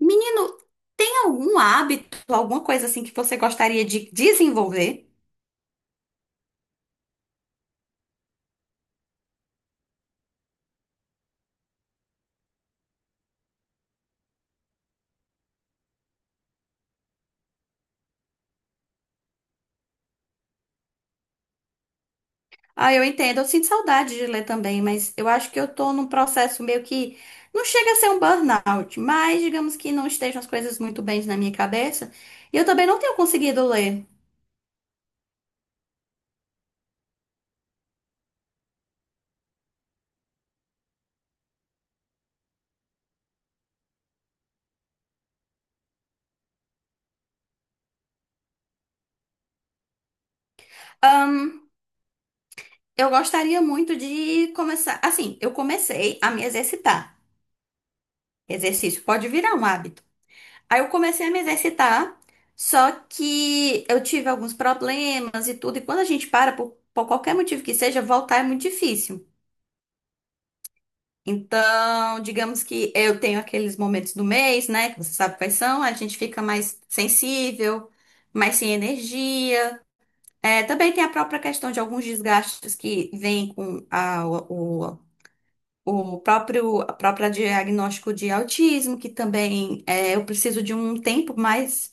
Menino, tem algum hábito, alguma coisa assim que você gostaria de desenvolver? Ah, eu entendo, eu sinto saudade de ler também, mas eu acho que eu tô num processo meio que não chega a ser um burnout, mas digamos que não estejam as coisas muito bem na minha cabeça, e eu também não tenho conseguido ler. Ahn, eu gostaria muito de começar, assim, eu comecei a me exercitar. Exercício pode virar um hábito. Aí eu comecei a me exercitar, só que eu tive alguns problemas e tudo, e quando a gente para, por qualquer motivo que seja, voltar é muito difícil. Então, digamos que eu tenho aqueles momentos do mês, né, que você sabe quais são, a gente fica mais sensível, mais sem energia. É, também tem a própria questão de alguns desgastes que vêm com o próprio, a própria diagnóstico de autismo, que também é, eu preciso de um tempo mais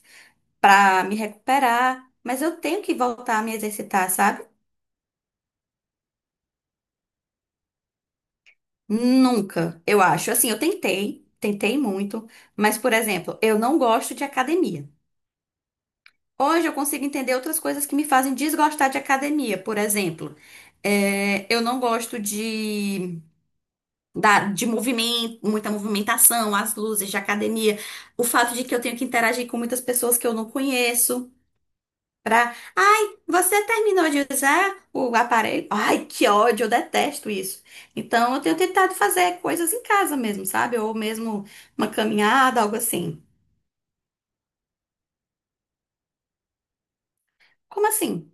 para me recuperar, mas eu tenho que voltar a me exercitar, sabe? Nunca, eu acho. Assim, eu tentei muito, mas, por exemplo, eu não gosto de academia. Hoje eu consigo entender outras coisas que me fazem desgostar de academia. Por exemplo, é, eu não gosto de movimento, muita movimentação, as luzes de academia, o fato de que eu tenho que interagir com muitas pessoas que eu não conheço. Pra, ai, você terminou de usar o aparelho? Ai, que ódio, eu detesto isso. Então, eu tenho tentado fazer coisas em casa mesmo, sabe? Ou mesmo uma caminhada, algo assim. Como assim?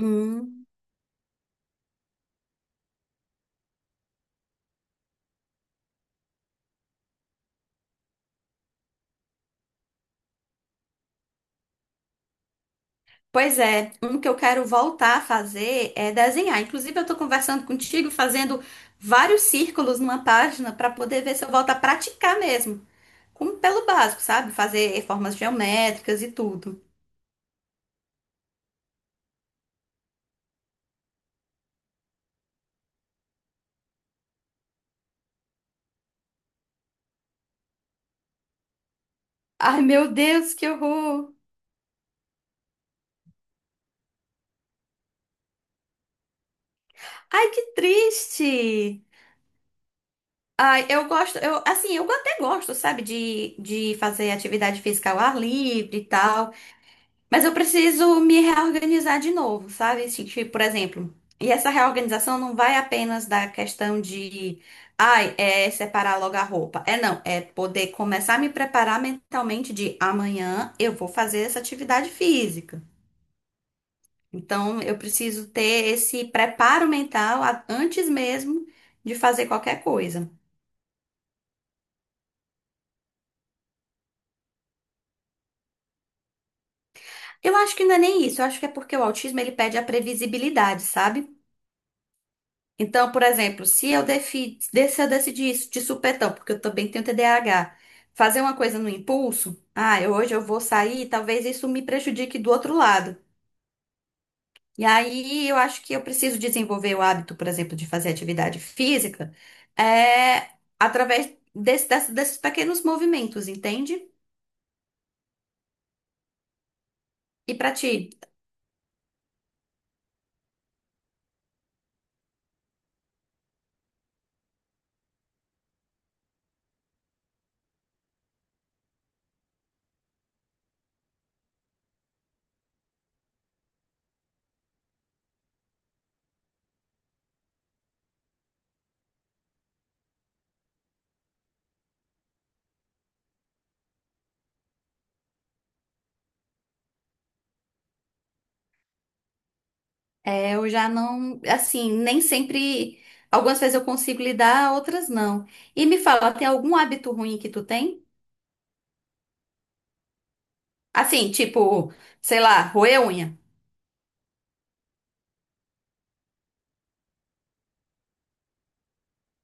Hum. Pois é, um que eu quero voltar a fazer é desenhar. Inclusive, eu tô conversando contigo, fazendo vários círculos numa página para poder ver se eu volto a praticar mesmo. Como pelo básico, sabe? Fazer formas geométricas e tudo. Ai, meu Deus, que horror! Ai, que triste! Ai, eu gosto, eu, assim, eu até gosto, sabe, de fazer atividade física ao ar livre e tal, mas eu preciso me reorganizar de novo, sabe? Assim, tipo, por exemplo, e essa reorganização não vai apenas da questão de, ai, é separar logo a roupa. É não, é poder começar a me preparar mentalmente de amanhã eu vou fazer essa atividade física. Então, eu preciso ter esse preparo mental antes mesmo de fazer qualquer coisa. Eu acho que não é nem isso. Eu acho que é porque o autismo ele pede a previsibilidade, sabe? Então, por exemplo, se eu, se eu decidir isso de supetão, porque eu também tenho TDAH, fazer uma coisa no impulso, ah, eu, hoje eu vou sair, talvez isso me prejudique do outro lado. E aí eu acho que eu preciso desenvolver o hábito, por exemplo, de fazer atividade física, é, através desses pequenos movimentos, entende? E pra ti? É, eu já não, assim, nem sempre. Algumas vezes eu consigo lidar, outras não. E me fala, tem algum hábito ruim que tu tem? Assim, tipo, sei lá, roer unha.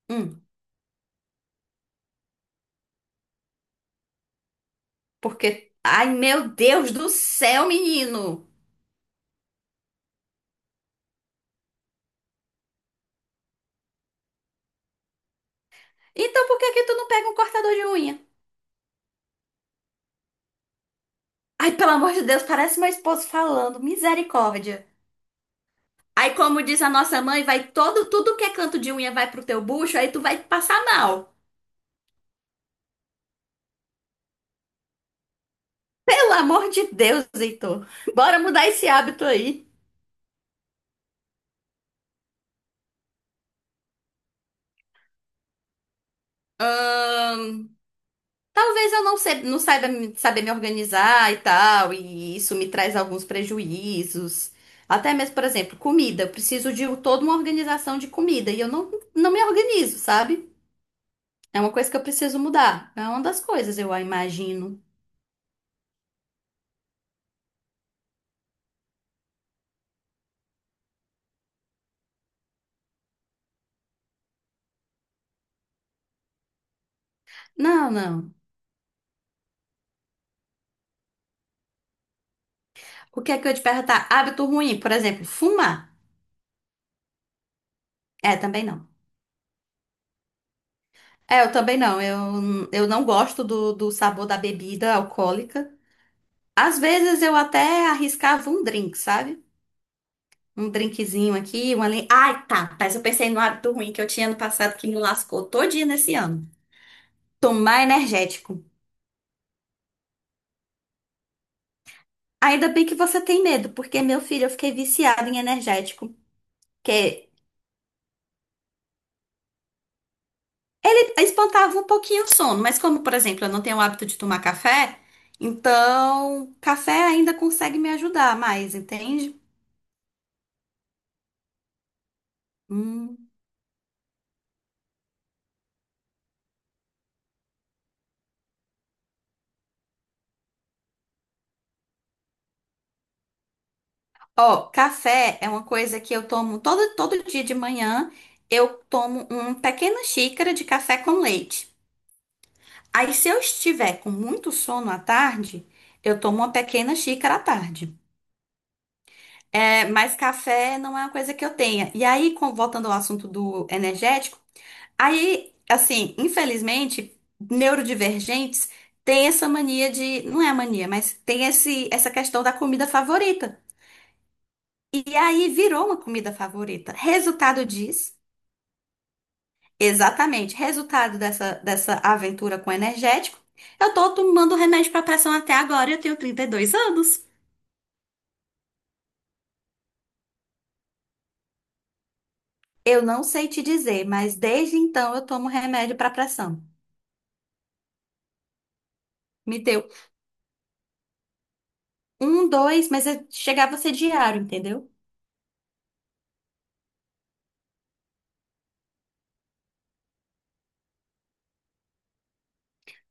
Hum, porque. Ai, meu Deus do céu, menino! Então por que que tu não pega um cortador de unha? Ai, pelo amor de Deus, parece meu esposo falando, misericórdia. Aí, como diz a nossa mãe, vai todo, tudo que é canto de unha vai pro teu bucho, aí tu vai passar mal. Pelo amor de Deus, Heitor. Bora mudar esse hábito aí. Ahn, Talvez eu não, não saiba saber me organizar e tal, e isso me traz alguns prejuízos. Até mesmo, por exemplo, comida. Eu preciso de um, toda uma organização de comida e eu não me organizo, sabe? É uma coisa que eu preciso mudar. É uma das coisas, eu imagino. Não, não. O que é que eu ia te perguntar? Hábito ruim, por exemplo, fumar. É, também não. É, eu também não. Eu não gosto do sabor da bebida alcoólica. Às vezes eu até arriscava um drink, sabe? Um drinkzinho aqui, uma ali. Ai, tá. Mas eu pensei no hábito ruim que eu tinha ano passado que me lascou todinha nesse ano. Tomar energético. Ainda bem que você tem medo, porque, meu filho, eu fiquei viciada em energético. Que espantava um pouquinho o sono. Mas como, por exemplo, eu não tenho o hábito de tomar café, então café ainda consegue me ajudar mais, entende? Hum. Ó, café é uma coisa que eu tomo todo dia de manhã. Eu tomo uma pequena xícara de café com leite. Aí, se eu estiver com muito sono à tarde, eu tomo uma pequena xícara à tarde. É, mas café não é uma coisa que eu tenha. E aí, voltando ao assunto do energético, aí, assim, infelizmente, neurodivergentes têm essa mania de, não é mania, mas tem esse, essa questão da comida favorita. E aí virou uma comida favorita. Resultado disso. Exatamente. Resultado dessa aventura com energético, eu tô tomando remédio para pressão até agora e eu tenho 32 anos. Eu não sei te dizer, mas desde então eu tomo remédio para pressão. Me deu um, dois, mas chegava a ser diário, entendeu?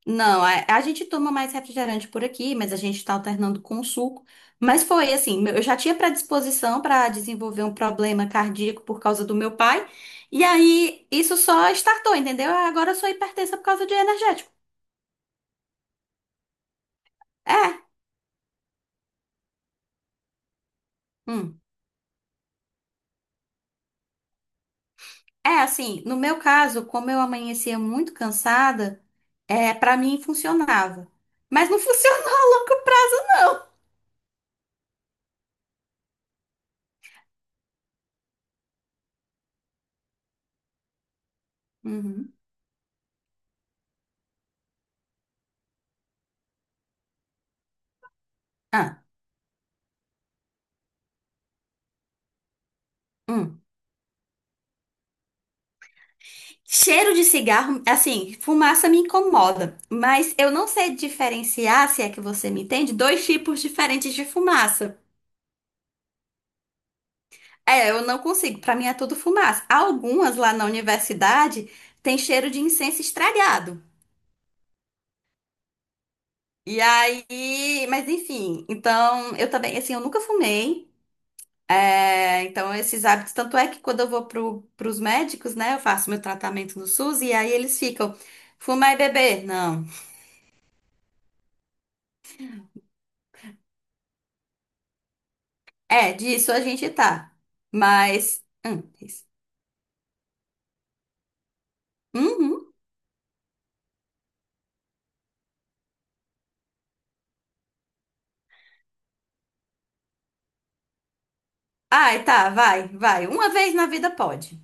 Não, a gente toma mais refrigerante por aqui, mas a gente tá alternando com suco. Mas foi assim, eu já tinha predisposição para desenvolver um problema cardíaco por causa do meu pai, e aí isso só startou, entendeu? Agora eu sou hipertensa por causa de energético. É, hum. É assim, no meu caso, como eu amanhecia muito cansada, é, para mim funcionava. Mas não funcionou a longo prazo, não. Uhum. Ah, hum. Cheiro de cigarro, assim, fumaça me incomoda, mas eu não sei diferenciar, se é que você me entende, dois tipos diferentes de fumaça. É, eu não consigo, pra mim é tudo fumaça. Algumas lá na universidade têm cheiro de incenso estragado. E aí, mas enfim, então eu também, assim, eu nunca fumei. É, então esses hábitos, tanto é que quando eu vou pro, pros médicos, né, eu faço meu tratamento no SUS e aí eles ficam, fumar e beber? Não. É, disso a gente tá. Mas, é isso. Uhum. Ai, tá, vai, vai. Uma vez na vida pode.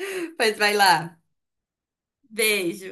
Pois vai lá. Beijo.